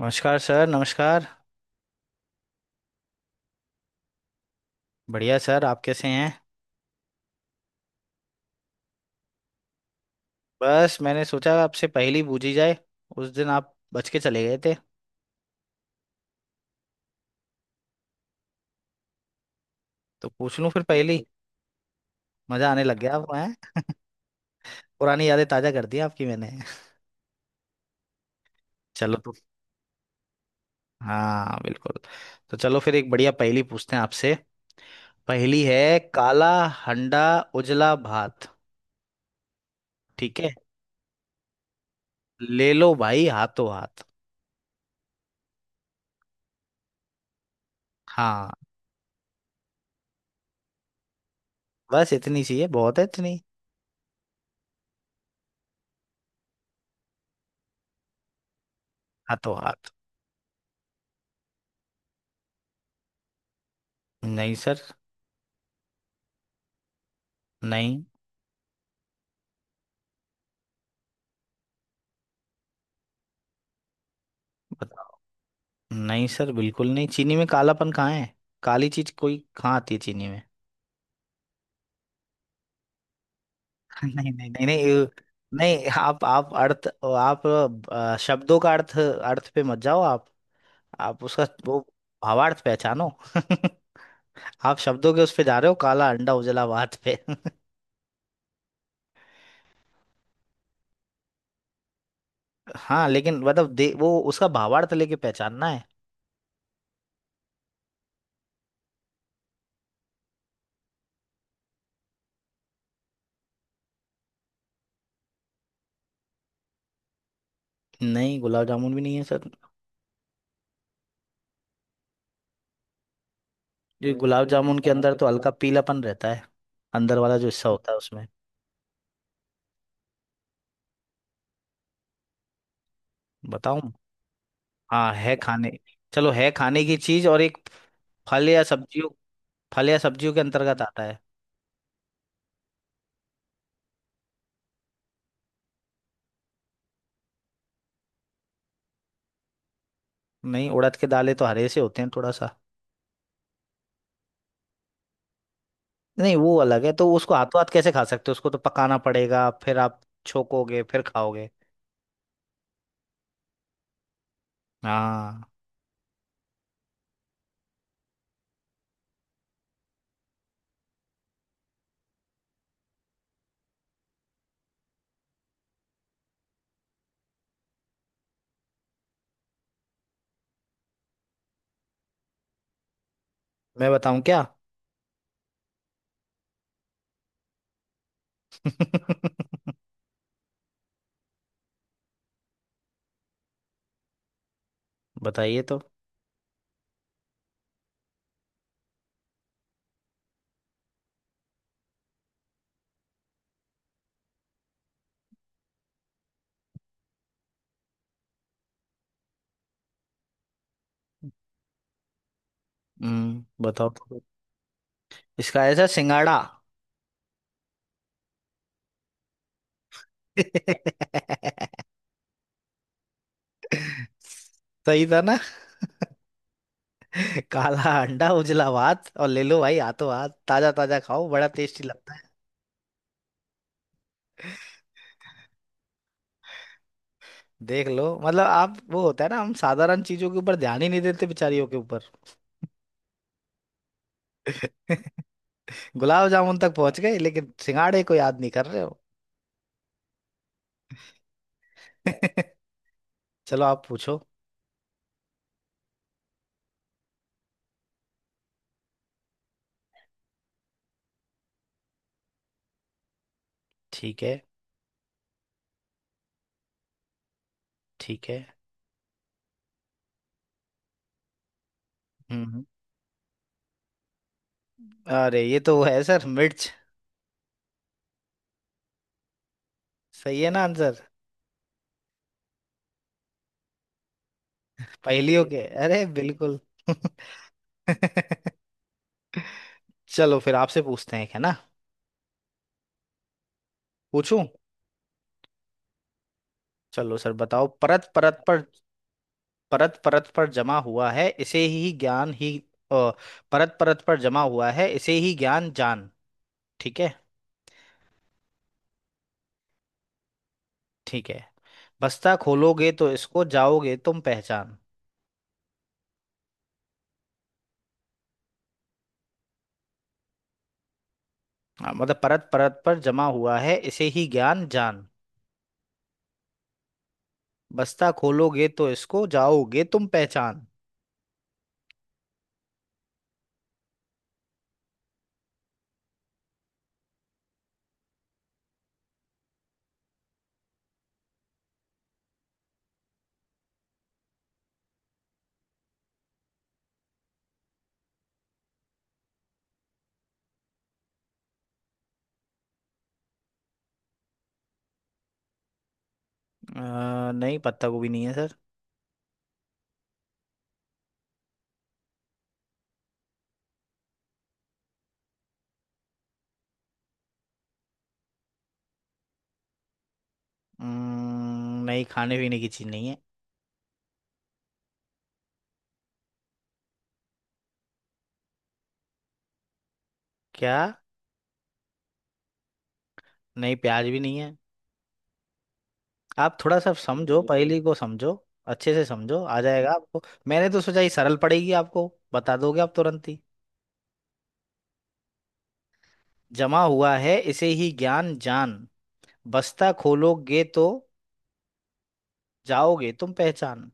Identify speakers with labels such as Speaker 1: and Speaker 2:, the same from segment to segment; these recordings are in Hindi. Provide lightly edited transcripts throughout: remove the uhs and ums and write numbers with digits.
Speaker 1: नमस्कार सर, नमस्कार। बढ़िया सर, आप कैसे हैं। बस मैंने सोचा आपसे पहेली पूछी जाए। उस दिन आप बच के चले गए थे। तो पूछ लूं फिर पहेली। मजा आने लग गया आपको हैं। पुरानी यादें ताजा कर दी आपकी मैंने। चलो तो। हाँ बिल्कुल। तो चलो फिर एक बढ़िया पहेली पूछते हैं आपसे। पहेली है काला हंडा उजला भात, ठीक है। ले लो भाई हाथों हाथ। हाँ, बस इतनी सी है, बहुत है इतनी। हाथों हाथ। नहीं सर। नहीं। बताओ। नहीं सर, बिल्कुल नहीं। चीनी में कालापन कहाँ है। काली चीज कोई कहाँ आती है चीनी में। नहीं नहीं नहीं नहीं। नहीं, आप अर्थ, आप शब्दों का अर्थ अर्थ पे मत जाओ आप। आप उसका वो भावार्थ पहचानो। आप शब्दों के उस पे जा रहे हो, काला अंडा उजला भात पे। हाँ लेकिन मतलब दे, वो उसका भावार्थ लेके पहचानना है। नहीं, गुलाब जामुन भी नहीं है सर। ये गुलाब जामुन के अंदर तो हल्का पीलापन रहता है, अंदर वाला जो हिस्सा होता है उसमें। बताऊं। हाँ है खाने। चलो है खाने की चीज, और एक फल या सब्जियों, फल या सब्जियों के अंतर्गत आता है। नहीं, उड़द के दालें तो हरे से होते हैं थोड़ा सा। नहीं, वो अलग है, तो उसको हाथों हाथ कैसे खा सकते हो, उसको तो पकाना पड़ेगा फिर आप छोकोगे फिर खाओगे। हाँ। मैं बताऊं क्या। बताइए तो। हम्म, बताओ तो। इसका ऐसा सिंगाड़ा। सही था ना। काला अंडा उजला भात, और ले लो भाई हाथों हाथ, ताजा ताजा खाओ, बड़ा टेस्टी लगता है। देख लो, मतलब आप वो होता है ना, हम साधारण चीजों के ऊपर ध्यान ही नहीं देते, बेचारियों के ऊपर। गुलाब जामुन तक पहुंच गए लेकिन सिंगाड़े को याद नहीं कर रहे हो। चलो आप पूछो। ठीक है। ठीक है। हम्म। अरे ये तो वो है सर, मिर्च। सही है ना आंसर। पहेलियों के, अरे बिल्कुल। चलो फिर आपसे पूछते हैं है ना, पूछूं। चलो सर बताओ। परत परत पर जमा हुआ है इसे ही ज्ञान ही अ, परत परत पर जमा हुआ है इसे ही ज्ञान जान, ठीक है। ठीक है। बस्ता खोलोगे तो इसको जाओगे तुम पहचान। हाँ, मतलब परत परत पर जमा हुआ है इसे ही ज्ञान जान। बस्ता खोलोगे तो इसको जाओगे तुम पहचान। नहीं, पत्ता गोभी नहीं है सर। नहीं, खाने पीने की चीज नहीं है। क्या। नहीं, प्याज भी नहीं है। आप थोड़ा सा समझो, पहेली को समझो। अच्छे से समझो, आ जाएगा आपको। मैंने तो सोचा ये सरल पड़ेगी आपको, बता दोगे आप तुरंत ही। जमा हुआ है इसे ही ज्ञान जान, बस्ता खोलोगे तो जाओगे तुम पहचान।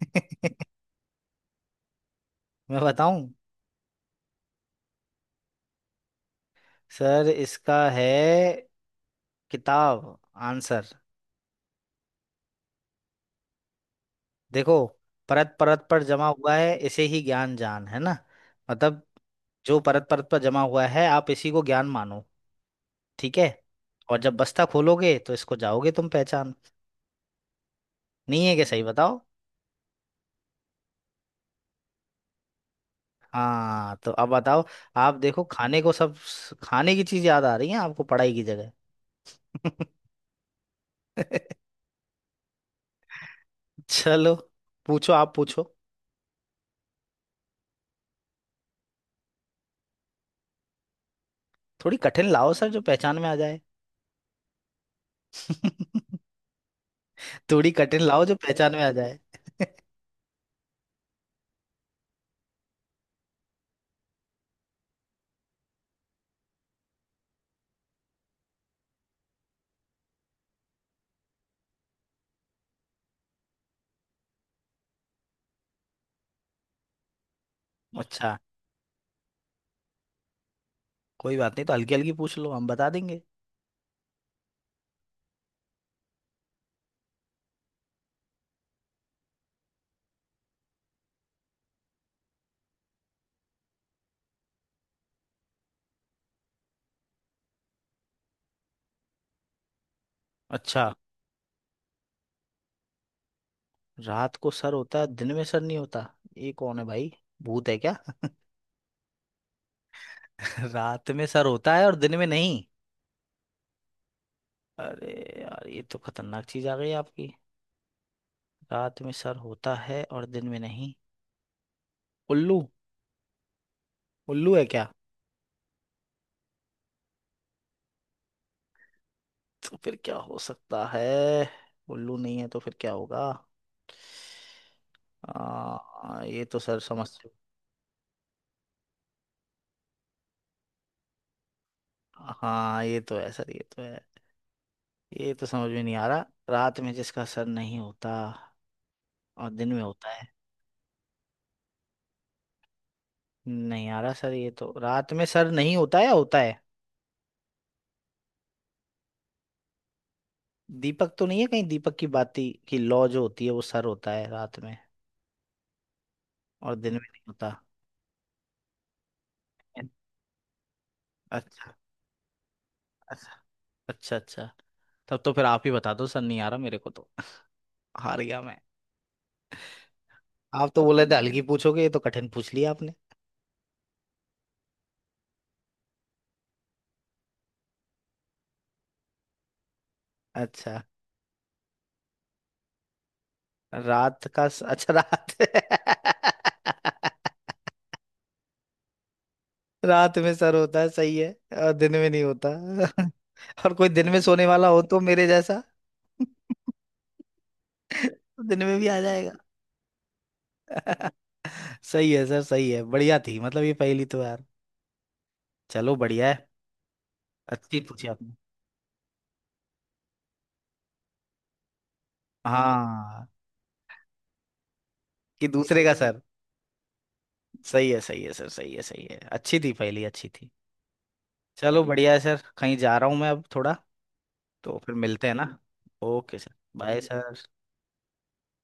Speaker 1: मैं बताऊं। सर इसका है किताब आंसर। देखो, परत परत पर जमा हुआ है इसे ही ज्ञान जान, है ना। मतलब जो परत परत पर जमा हुआ है, आप इसी को ज्ञान मानो, ठीक है। और जब बस्ता खोलोगे तो इसको जाओगे तुम पहचान। नहीं है क्या, सही बताओ। हाँ तो अब बताओ। आप देखो, खाने को सब, खाने की चीज याद आ रही है आपको पढ़ाई की जगह। चलो पूछो, आप पूछो। थोड़ी कठिन लाओ सर, जो पहचान में आ जाए। थोड़ी कठिन लाओ जो पहचान में आ जाए। अच्छा। कोई बात नहीं, तो हल्की हल्की पूछ लो, हम बता देंगे। अच्छा। रात को सर होता है, दिन में सर नहीं होता, ये कौन है भाई, भूत है क्या। रात में सर होता है और दिन में नहीं। अरे यार ये तो खतरनाक चीज आ गई आपकी। रात में सर होता है और दिन में नहीं, उल्लू। उल्लू है क्या। तो फिर क्या हो सकता है, उल्लू नहीं है तो फिर क्या होगा। ये तो सर समझ। हाँ ये तो है सर, ये तो है। ये तो समझ में नहीं आ रहा, रात में जिसका सर नहीं होता और दिन में होता है। नहीं आ रहा सर, ये तो रात में सर नहीं होता या होता है। दीपक तो नहीं है कहीं, दीपक की बाती की लौ जो होती है, वो सर होता है रात में और दिन में नहीं होता। अच्छा अच्छा अच्छा अच्छा, तब तो फिर आप ही बता दो सर, नहीं आ रहा मेरे को तो। हार गया मैं। आप तो बोले थे हल्की पूछोगे, ये तो कठिन पूछ लिया आपने। अच्छा रात का अच्छा रात। रात में सर होता है, सही है, और दिन में नहीं होता। और कोई दिन में सोने वाला हो तो, मेरे जैसा। तो दिन में भी आ जाएगा। सही है सर सही है, बढ़िया थी मतलब ये पहेली तो यार। चलो बढ़िया है। अच्छी पूछी आपने। हाँ, कि दूसरे का सर। सही है सर, सही है सही है, अच्छी थी पहेली, अच्छी थी। चलो बढ़िया है सर, कहीं जा रहा हूँ मैं अब थोड़ा, तो फिर मिलते हैं ना। Okay sir, bye sir.